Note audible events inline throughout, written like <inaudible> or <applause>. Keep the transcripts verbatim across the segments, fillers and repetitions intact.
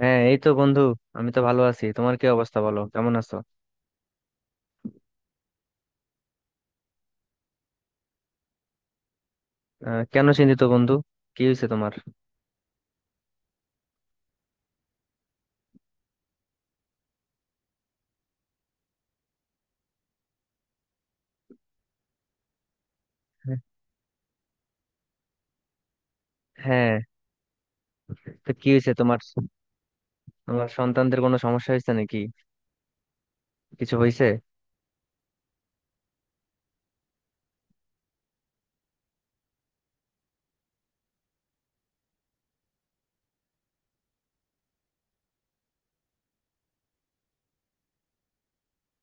হ্যাঁ, এই তো বন্ধু। আমি তো ভালো আছি, তোমার কি অবস্থা? বলো, কেমন আছো? আহ, কেন চিন্তিত বন্ধু? কি হয়েছে তোমার? হ্যাঁ, তো কি হয়েছে তোমার? তোমার সন্তানদের কোনো সমস্যা হয়েছে নাকি? কিছু হয়েছে?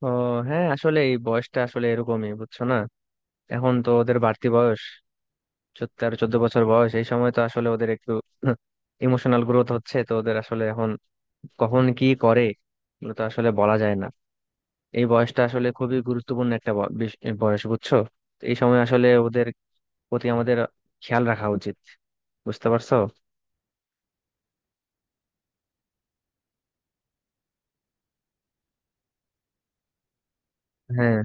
ও, হ্যাঁ আসলে এই বয়সটা আসলে এরকমই, বুঝছো না? এখন তো ওদের বাড়তি বয়স। চোদ্দ তেরো চোদ্দ বছর বয়স, এই সময় তো আসলে ওদের একটু <laughs> ইমোশনাল গ্রোথ হচ্ছে তো ওদের আসলে এখন। কখন কি করে এগুলো তো আসলে বলা যায় না। এই বয়সটা আসলে খুবই গুরুত্বপূর্ণ একটা ব- বিষ- বয়স, বুঝছো? তো এই সময় আসলে ওদের প্রতি আমাদের খেয়াল রাখা উচিত। বুঝতে পারছো? হ্যাঁ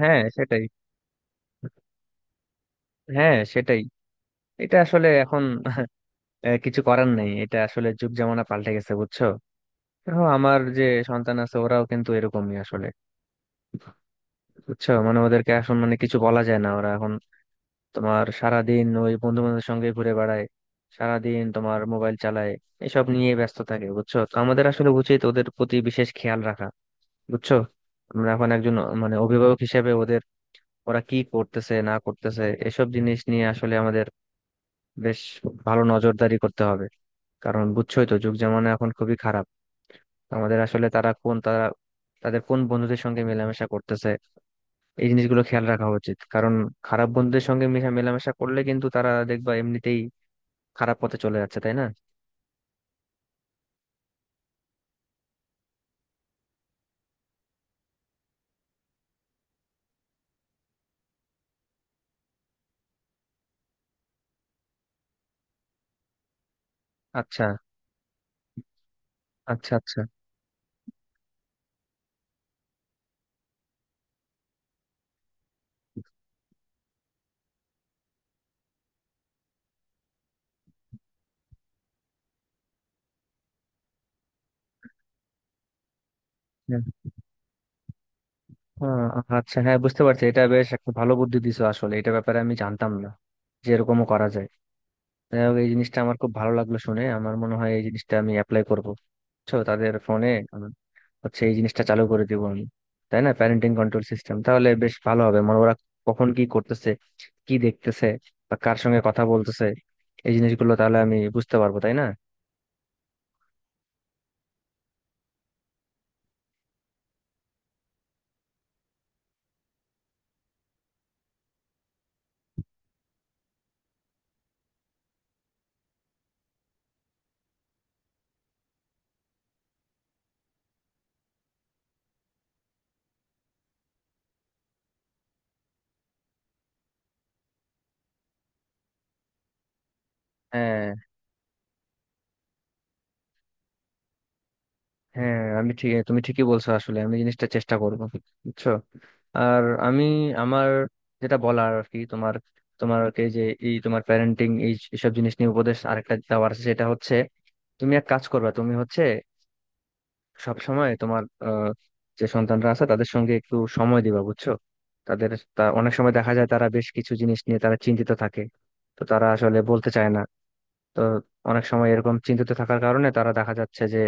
হ্যাঁ সেটাই। হ্যাঁ সেটাই। এটা আসলে এখন আহ, কিছু করার নেই, এটা আসলে যুগ জামানা পাল্টে গেছে, বুঝছো? দেখো, আমার যে সন্তান আছে ওরাও কিন্তু এরকমই আসলে, বুঝছো? মানে ওদেরকে এখন মানে কিছু বলা যায় না, ওরা এখন তোমার সারাদিন ওই বন্ধু বান্ধবের সঙ্গে ঘুরে বেড়ায়, সারাদিন তোমার মোবাইল চালায়, এসব নিয়ে ব্যস্ত থাকে। বুঝছো, তো আমাদের আসলে উচিত ওদের প্রতি বিশেষ খেয়াল রাখা। বুঝছো? আমরা এখন একজন মানে অভিভাবক হিসেবে ওদের ওরা কি করতেছে না করতেছে এসব জিনিস নিয়ে আসলে আমাদের বেশ ভালো নজরদারি করতে হবে। কারণ বুঝছোই তো, যুগ জামানা এখন খুবই খারাপ। আমাদের আসলে তারা কোন তারা তাদের কোন বন্ধুদের সঙ্গে মেলামেশা করতেছে এই জিনিসগুলো খেয়াল রাখা উচিত। কারণ খারাপ বন্ধুদের সঙ্গে মেশা মেলামেশা করলে কিন্তু তারা দেখবা এমনিতেই খারাপ পথে চলে যাচ্ছে, তাই না? আচ্ছা, আচ্ছা। আচ্ছা, হ্যাঁ, আহ, আচ্ছা হ্যাঁ বুঝতে পারছি। এটা বেশ একটা ভালো বুদ্ধি দিছো, আসলে এটা ব্যাপারে আমি জানতাম না যে এরকমও করা যায়। যাই হোক, এই জিনিসটা আমার খুব ভালো লাগলো শুনে, আমার মনে হয় এই জিনিসটা আমি অ্যাপ্লাই করবো। বুঝছো, তাদের ফোনে হচ্ছে এই জিনিসটা চালু করে দিব আমি। তাই না? প্যারেন্টিং কন্ট্রোল সিস্টেম, তাহলে বেশ ভালো হবে। মানে ওরা কখন কি করতেছে, কি দেখতেছে, বা কার সঙ্গে কথা বলতেছে এই জিনিসগুলো তাহলে আমি বুঝতে পারবো, তাই না? হ্যাঁ হ্যাঁ, আমি ঠিক তুমি ঠিকই বলছো, আসলে আমি জিনিসটা চেষ্টা করবো। বুঝছো? আর আমি আমার যেটা বলার আর কি, তোমার তোমার যে এই তোমার প্যারেন্টিং এই সব জিনিস নিয়ে উপদেশ আরেকটা দেওয়ার আছে, সেটা হচ্ছে তুমি এক কাজ করবা, তুমি হচ্ছে সব সময় তোমার আহ, যে সন্তানরা আছে তাদের সঙ্গে একটু সময় দিবা। বুঝছো? তাদের তা অনেক সময় দেখা যায় তারা বেশ কিছু জিনিস নিয়ে তারা চিন্তিত থাকে, তো তারা আসলে বলতে চায় না। তো অনেক সময় এরকম চিন্তিত থাকার কারণে তারা দেখা যাচ্ছে যে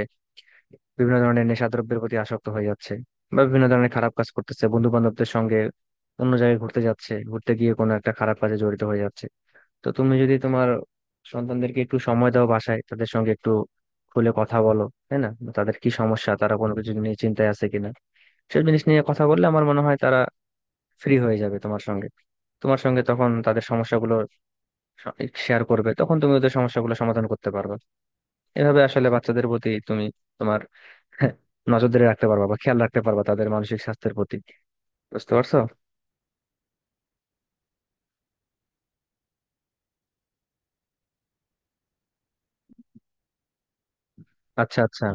বিভিন্ন ধরনের নেশাদ্রব্যের প্রতি আসক্ত হয়ে যাচ্ছে, বা বিভিন্ন ধরনের খারাপ কাজ করতেছে বন্ধু বান্ধবদের সঙ্গে, অন্য জায়গায় ঘুরতে যাচ্ছে, ঘুরতে গিয়ে কোনো একটা খারাপ কাজে জড়িত হয়ে যাচ্ছে। তো তুমি যদি তোমার সন্তানদেরকে একটু সময় দাও বাসায়, তাদের সঙ্গে একটু খুলে কথা বলো, তাই না? তাদের কি সমস্যা, তারা কোনো কিছু নিয়ে চিন্তায় আছে কিনা, সব জিনিস নিয়ে কথা বললে আমার মনে হয় তারা ফ্রি হয়ে যাবে তোমার সঙ্গে। তোমার সঙ্গে তখন তাদের সমস্যাগুলো শেয়ার করবে, তখন তুমি ওদের সমস্যাগুলো সমাধান করতে পারবে। এভাবে আসলে বাচ্চাদের প্রতি তুমি তোমার <laughs> নজর ধরে রাখতে পারবা বা খেয়াল রাখতে পারবা তাদের মানসিক স্বাস্থ্যের প্রতি। বুঝতে পারছো? আচ্ছা, আচ্ছা।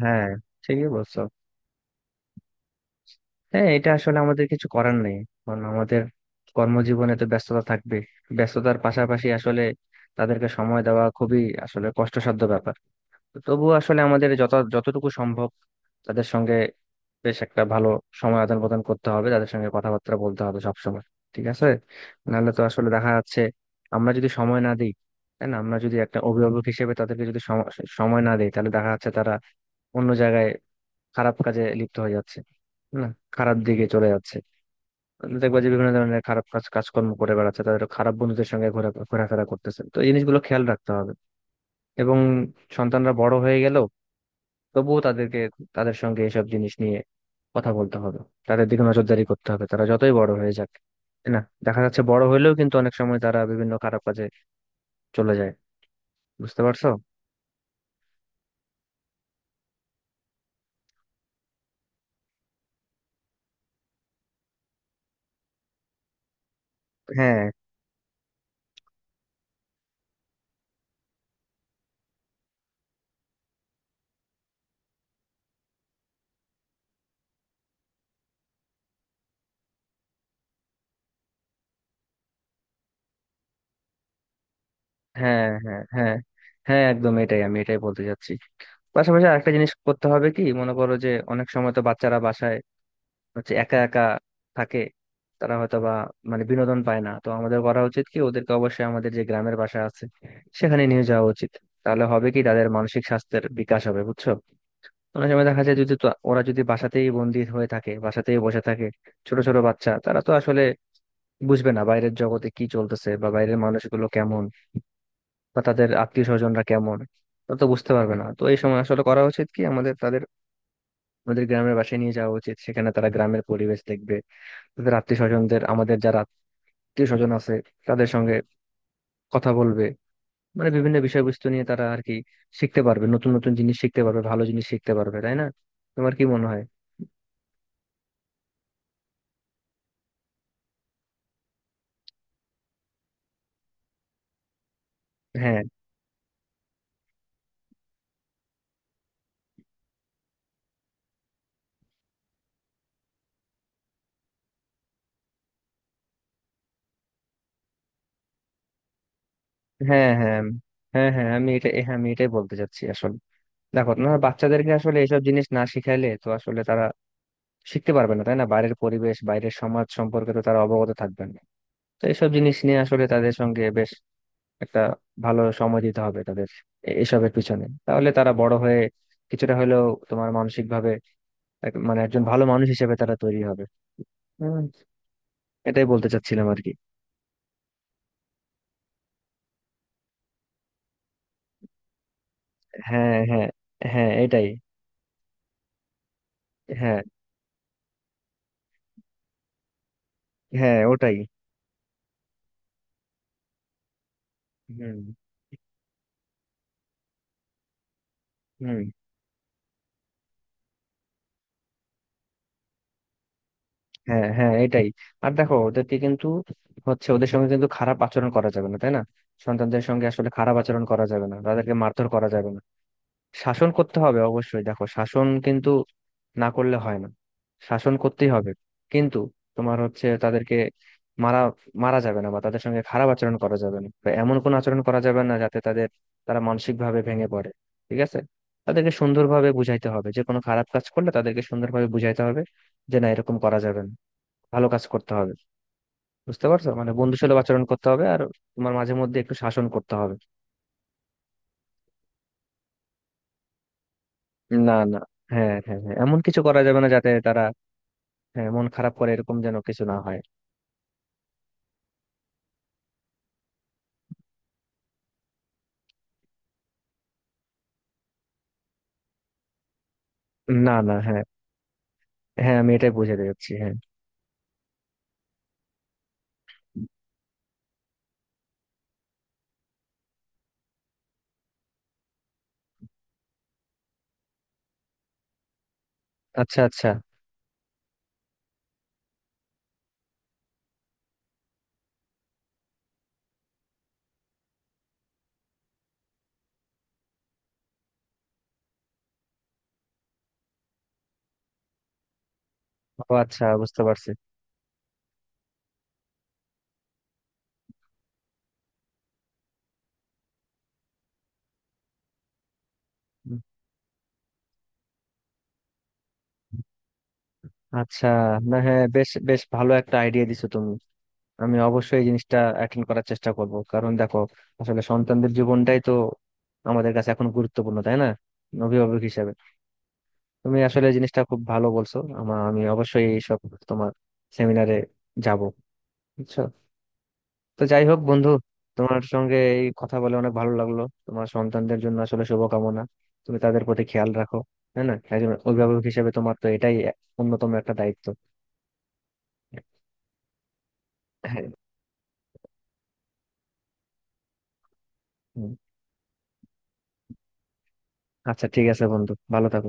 হ্যাঁ, ঠিকই বলছো। হ্যাঁ, এটা আসলে আমাদের কিছু করার নেই। কারণ আমাদের কর্মজীবনে তো ব্যস্ততা থাকবে, ব্যস্ততার পাশাপাশি আসলে তাদেরকে সময় দেওয়া খুবই আসলে কষ্টসাধ্য ব্যাপার। তো তবুও আসলে আমাদের যত যতটুকু সম্ভব তাদের সঙ্গে বেশ একটা ভালো সময় আদান প্রদান করতে হবে, তাদের সঙ্গে কথাবার্তা বলতে হবে সবসময়, ঠিক আছে? নাহলে তো আসলে দেখা যাচ্ছে আমরা যদি সময় না দিই, তাই না, আমরা যদি একটা অভিভাবক হিসেবে তাদেরকে যদি সম- সময় না দিই, তাহলে দেখা যাচ্ছে তারা অন্য জায়গায় খারাপ কাজে লিপ্ত হয়ে যাচ্ছে, না, খারাপ দিকে চলে যাচ্ছে। দেখবা যে বিভিন্ন ধরনের খারাপ কাজ কাজকর্ম করে বেড়াচ্ছে, তাদের খারাপ বন্ধুদের সঙ্গে ঘোরা ঘোরাফেরা করতেছে। তো এই জিনিসগুলো খেয়াল রাখতে হবে। এবং সন্তানরা বড় হয়ে গেল, তবুও তাদেরকে তাদের সঙ্গে এসব জিনিস নিয়ে কথা বলতে হবে, তাদের দিকে নজরদারি করতে হবে, তারা যতই বড় হয়ে যাক, তাই না? দেখা যাচ্ছে বড় হইলেও কিন্তু অনেক সময় তারা বিভিন্ন খারাপ কাজে চলে যায়। বুঝতে পারছো? হ্যাঁ, হ্যাঁ, হ্যাঁ। হ্যাঁ, হ্যাঁ, একদম এটাই আমি এটাই বলতে চাচ্ছি। পাশাপাশি আরেকটা জিনিস করতে হবে কি, মনে করো যে অনেক সময় তো বাচ্চারা বাসায় হচ্ছে একা একা থাকে, তারা হয়তো বা মানে বিনোদন পায় না। তো আমাদের করা উচিত কি, ওদেরকে অবশ্যই আমাদের যে গ্রামের বাসা আছে সেখানে নিয়ে যাওয়া উচিত। তাহলে হবে কি, তাদের মানসিক স্বাস্থ্যের বিকাশ হবে, বুঝছো? অনেক সময় দেখা যায় যদি তো- ওরা যদি বাসাতেই বন্দি হয়ে থাকে, বাসাতেই বসে থাকে, ছোট ছোট বাচ্চা, তারা তো আসলে বুঝবে না বাইরের জগতে কি চলতেছে বা বাইরের মানুষগুলো কেমন, বা তাদের আত্মীয় স্বজনরা কেমন, তা তো বুঝতে পারবে না। তো এই সময় আসলে করা উচিত কি আমাদের, তাদের ওদের গ্রামের বাসায় নিয়ে যাওয়া উচিত, সেখানে তারা গ্রামের পরিবেশ দেখবে, তাদের আত্মীয় স্বজনদের আমাদের যারা আত্মীয় স্বজন আছে তাদের সঙ্গে কথা বলবে, মানে বিভিন্ন বিষয়বস্তু নিয়ে তারা আর কি শিখতে পারবে, নতুন নতুন জিনিস শিখতে পারবে, ভালো জিনিস শিখতে পারবে, তাই না? তোমার কি মনে হয়? হ্যাঁ, হ্যাঁ, হ্যাঁ। হ্যাঁ, হ্যাঁ, আমি এটা, হ্যাঁ আমি এটাই বলতে চাচ্ছি আসলে। দেখো না, বাচ্চাদেরকে আসলে এসব জিনিস না শিখাইলে তো আসলে তারা শিখতে পারবে না, তাই না? বাইরের পরিবেশ বাইরের সমাজ সম্পর্কে তো তারা অবগত থাকবেন না। তো এইসব জিনিস নিয়ে আসলে তাদের সঙ্গে বেশ একটা ভালো সময় দিতে হবে তাদের এ- এসবের পিছনে। তাহলে তারা বড় হয়ে কিছুটা হলেও তোমার মানসিক ভাবে মানে একজন ভালো মানুষ হিসেবে তারা তৈরি হবে। হুম, এটাই বলতে চাচ্ছিলাম আর কি। হ্যাঁ, হ্যাঁ, হ্যাঁ, এটাই। হ্যাঁ, হ্যাঁ, ওটাই। হুম। হুম। হ্যাঁ, হ্যাঁ, এটাই। আর দেখো ওদেরকে কিন্তু হচ্ছে, ওদের সঙ্গে কিন্তু খারাপ আচরণ করা যাবে না, তাই না? সন্তানদের সঙ্গে আসলে খারাপ আচরণ করা যাবে না, তাদেরকে মারধর করা যাবে না। শাসন করতে হবে অবশ্যই, দেখো শাসন কিন্তু না করলে হয় না, শাসন করতেই হবে, কিন্তু তোমার হচ্ছে তাদেরকে মারা মারা যাবে না, বা তাদের সঙ্গে খারাপ আচরণ করা যাবে না, বা এমন কোনো আচরণ করা যাবে না যাতে তাদের তারা মানসিক ভাবে ভেঙে পড়ে, ঠিক আছে? তাদেরকে সুন্দরভাবে বুঝাইতে হবে, যে কোনো খারাপ কাজ করলে তাদেরকে সুন্দরভাবে বুঝাইতে হবে যে না, এরকম করা যাবে না, ভালো কাজ করতে হবে। বুঝতে পারছো? মানে বন্ধুসুলভ আচরণ করতে হবে আর তোমার মাঝে মধ্যে একটু শাসন করতে হবে। না, না, হ্যাঁ, হ্যাঁ, হ্যাঁ, এমন কিছু করা যাবে না যাতে তারা হ্যাঁ মন খারাপ করে, এরকম যেন কিছু না হয়। না, না, হ্যাঁ, হ্যাঁ, আমি এটাই বোঝাতে যাচ্ছি, হ্যাঁ। আচ্ছা, আচ্ছা। ও, আচ্ছা, বুঝতে পারছি। উম, আচ্ছা, না, হ্যাঁ বেশ, বেশ ভালো একটা আইডিয়া দিছো তুমি। আমি অবশ্যই এই জিনিসটা অ্যাটেন্ড করার চেষ্টা করব, কারণ দেখো আসলে সন্তানদের জীবনটাই তো আমাদের কাছে এখন গুরুত্বপূর্ণ, তাই না? অভিভাবক হিসাবে তুমি আসলে জিনিসটা খুব ভালো বলছো। আমা- আমি অবশ্যই এইসব তোমার সেমিনারে যাব। বুঝছো? তো যাই হোক বন্ধু, তোমার সঙ্গে এই কথা বলে অনেক ভালো লাগলো। তোমার সন্তানদের জন্য আসলে শুভকামনা। তুমি তাদের প্রতি খেয়াল রাখো, হ্যাঁ, না একজন অভিভাবক হিসেবে তোমার তো এটাই অন্যতম একটা দায়িত্ব। হ্যাঁ। হুম। আচ্ছা, ঠিক আছে বন্ধু, ভালো থাকো।